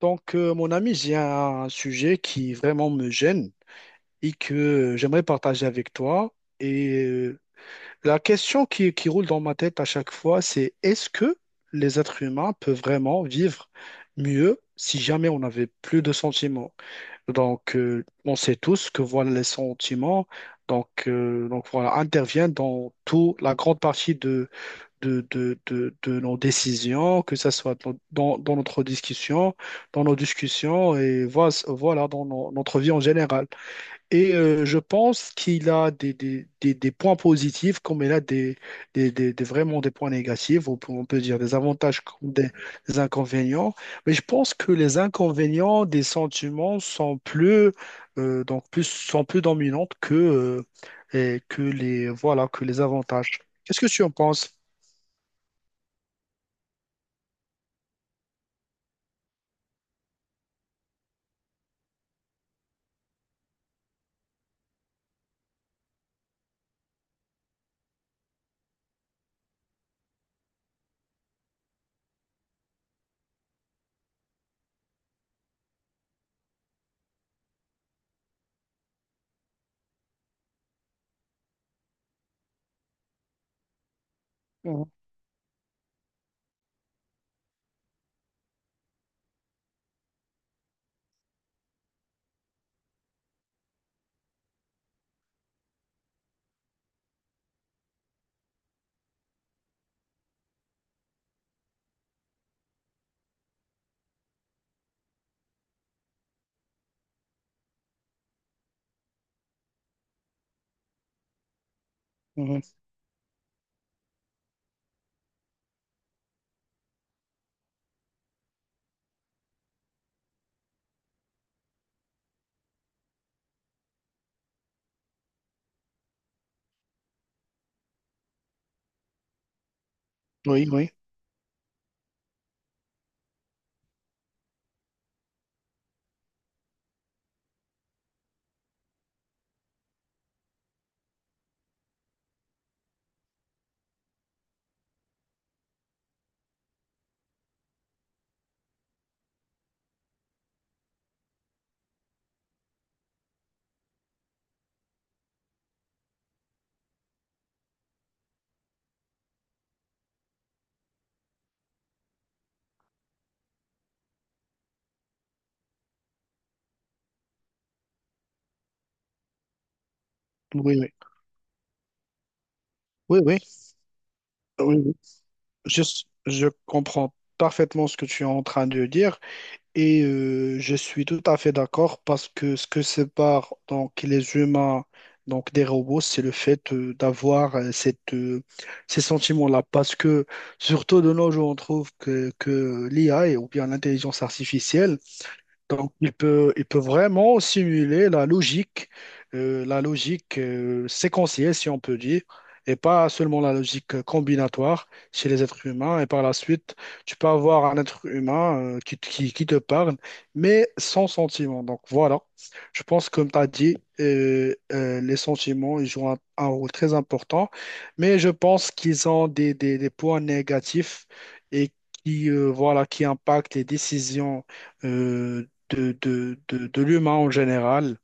Mon ami, j'ai un sujet qui vraiment me gêne et que j'aimerais partager avec toi. Et euh, la question qui roule dans ma tête à chaque fois, c'est est-ce que les êtres humains peuvent vraiment vivre mieux si jamais on n'avait plus de sentiments? On sait tous que voilà, les sentiments voilà, interviennent dans toute la grande partie de nos décisions, que ce soit dans notre discussion, dans nos discussions et voilà, dans notre vie en général. Et je pense qu'il a des points positifs comme il a vraiment des points négatifs, ou on peut dire des avantages comme des inconvénients. Mais je pense que les inconvénients des sentiments sont sont plus dominants que les, voilà, que les avantages. Qu'est-ce que tu en penses? Oui, oui, oui, oui, oui, oui, oui, oui. Je, je comprends parfaitement ce que tu es en train de dire et je suis tout à fait d'accord parce que ce que sépare donc les humains donc des robots, c'est le fait d'avoir ces sentiments-là parce que surtout de nos jours, on trouve que l'IA ou bien l'intelligence artificielle. Donc, il peut vraiment simuler la logique séquentielle, si on peut dire, et pas seulement la logique combinatoire chez les êtres humains. Et par la suite, tu peux avoir un être humain qui te parle, mais sans sentiment. Donc, voilà. Je pense, comme tu as dit, les sentiments, ils jouent un rôle très important, mais je pense qu'ils ont des points négatifs et voilà, qui impactent les décisions euh, de l'humain en général,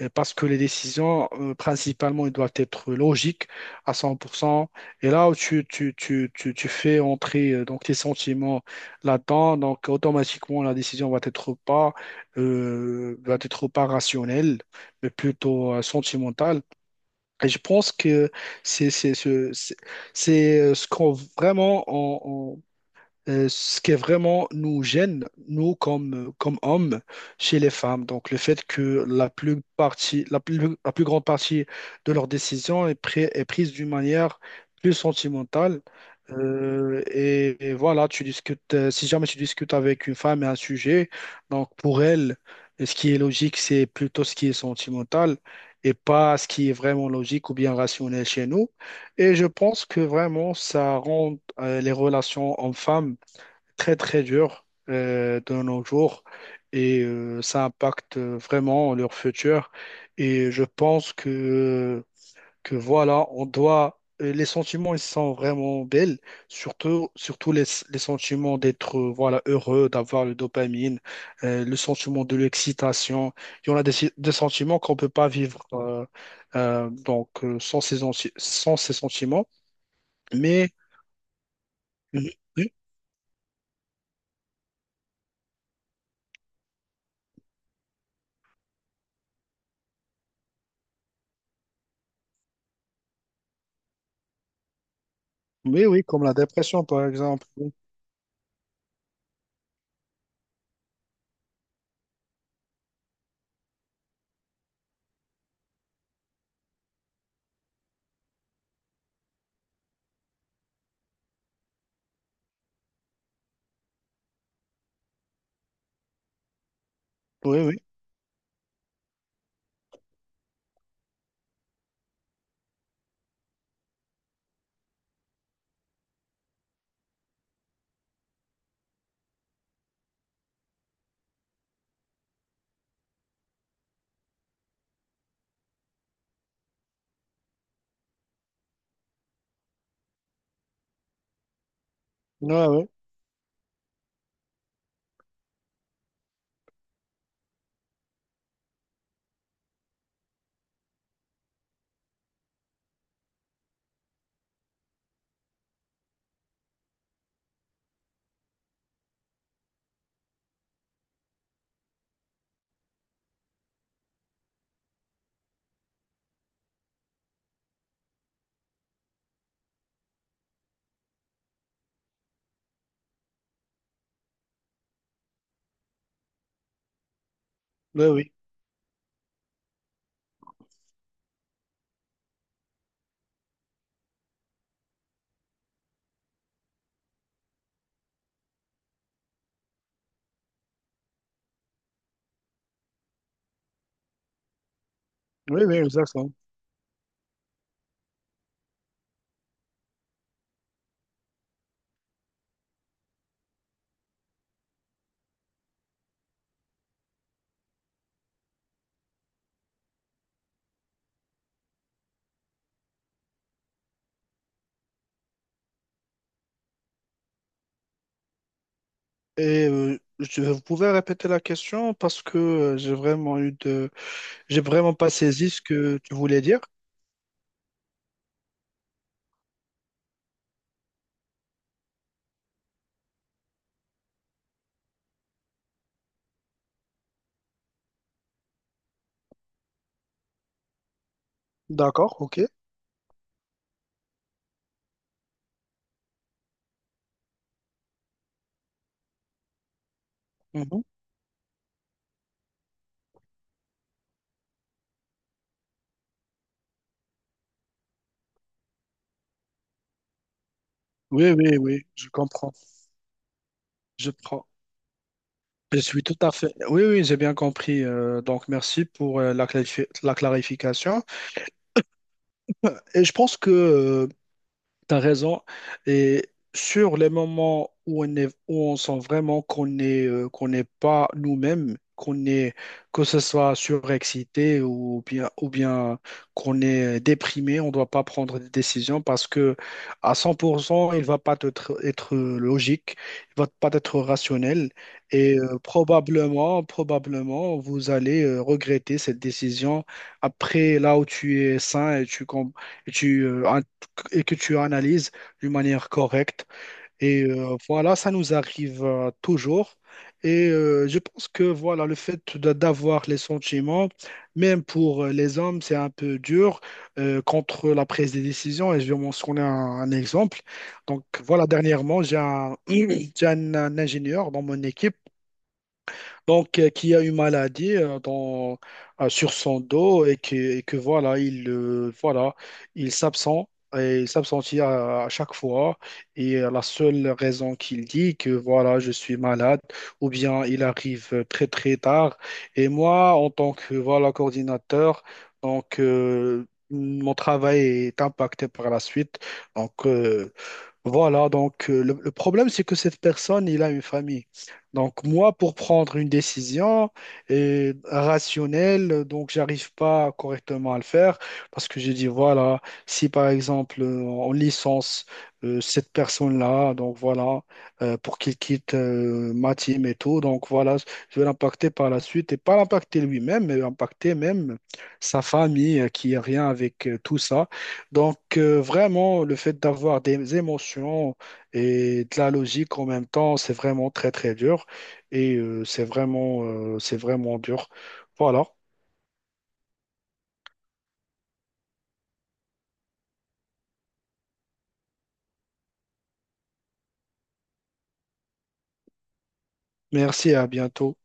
parce que les décisions, principalement, elles doivent être logiques à 100%. Et là où tu fais entrer donc, tes sentiments là-dedans, donc automatiquement, la décision va être pas rationnelle, mais plutôt sentimentale. Et je pense que c'est c'est ce, c'est c'est, ce qu'on vraiment on, ce qui est vraiment nous gêne, nous comme, comme hommes, chez les femmes. Donc le fait que la plus grande partie de leurs décisions est prise d'une manière plus sentimentale. Et voilà, si jamais tu discutes avec une femme et un sujet, donc pour elle, ce qui est logique, c'est plutôt ce qui est sentimental et pas ce qui est vraiment logique ou bien rationnel chez nous. Et je pense que vraiment, ça rend les relations hommes-femmes très très dur de nos jours et ça impacte vraiment leur futur. Et je pense que voilà, on doit. Les sentiments, ils sont vraiment belles, surtout les sentiments d'être voilà, heureux, d'avoir le dopamine, le sentiment de l'excitation. Il y en a des sentiments qu'on ne peut pas vivre sans ces sentiments. Mais oui, oui, comme la dépression, par exemple. Oui, oui. Ouais, ouais, ouais, oui, oui, oui, exactement. Et vous pouvez répéter la question parce que j'ai vraiment pas saisi ce que tu voulais dire. D'accord, ok. Mhm. Oui, oui, oui, je comprends. Je prends. Je suis tout à fait. Oui, oui, j'ai bien compris. Donc, merci pour la clarification. Et je pense que t'as raison. Et sur les moments où on est, où on sent vraiment qu'on est, qu'on n'est pas nous-mêmes, qu'on est, que ce soit surexcité ou bien qu'on est déprimé, on ne doit pas prendre des décisions parce que à 100%, il va pas être, être logique, il va pas être rationnel et probablement, vous allez regretter cette décision après là où tu es sain et tu, com- et tu et que tu analyses d'une manière correcte. Et voilà, ça nous arrive toujours. Et je pense que voilà, d'avoir les sentiments, même pour les hommes, c'est un peu dur contre la prise des décisions. Et je vais mentionner un exemple. Donc voilà, dernièrement, j'ai un ingénieur dans mon équipe donc, qui a une maladie sur son dos et que voilà, voilà, il s'absent et il s'absentit à chaque fois. Et la seule raison qu'il dit que voilà, je suis malade ou bien il arrive très très tard. Et moi, en tant que voilà, coordinateur, mon travail est impacté par la suite. Donc, euh, le problème, c'est que cette personne, il a une famille. Donc moi, pour prendre une décision rationnelle, donc j'arrive pas correctement à le faire parce que j'ai dit, voilà, si par exemple on licence cette personne-là, donc voilà, pour qu'il quitte ma team et tout, donc voilà, je vais l'impacter par la suite et pas l'impacter lui-même, mais impacter même sa famille qui a rien avec tout ça. Donc, vraiment, le fait d'avoir des émotions et de la logique en même temps, c'est vraiment très, très dur. Et c'est vraiment dur. Voilà. Merci et à bientôt.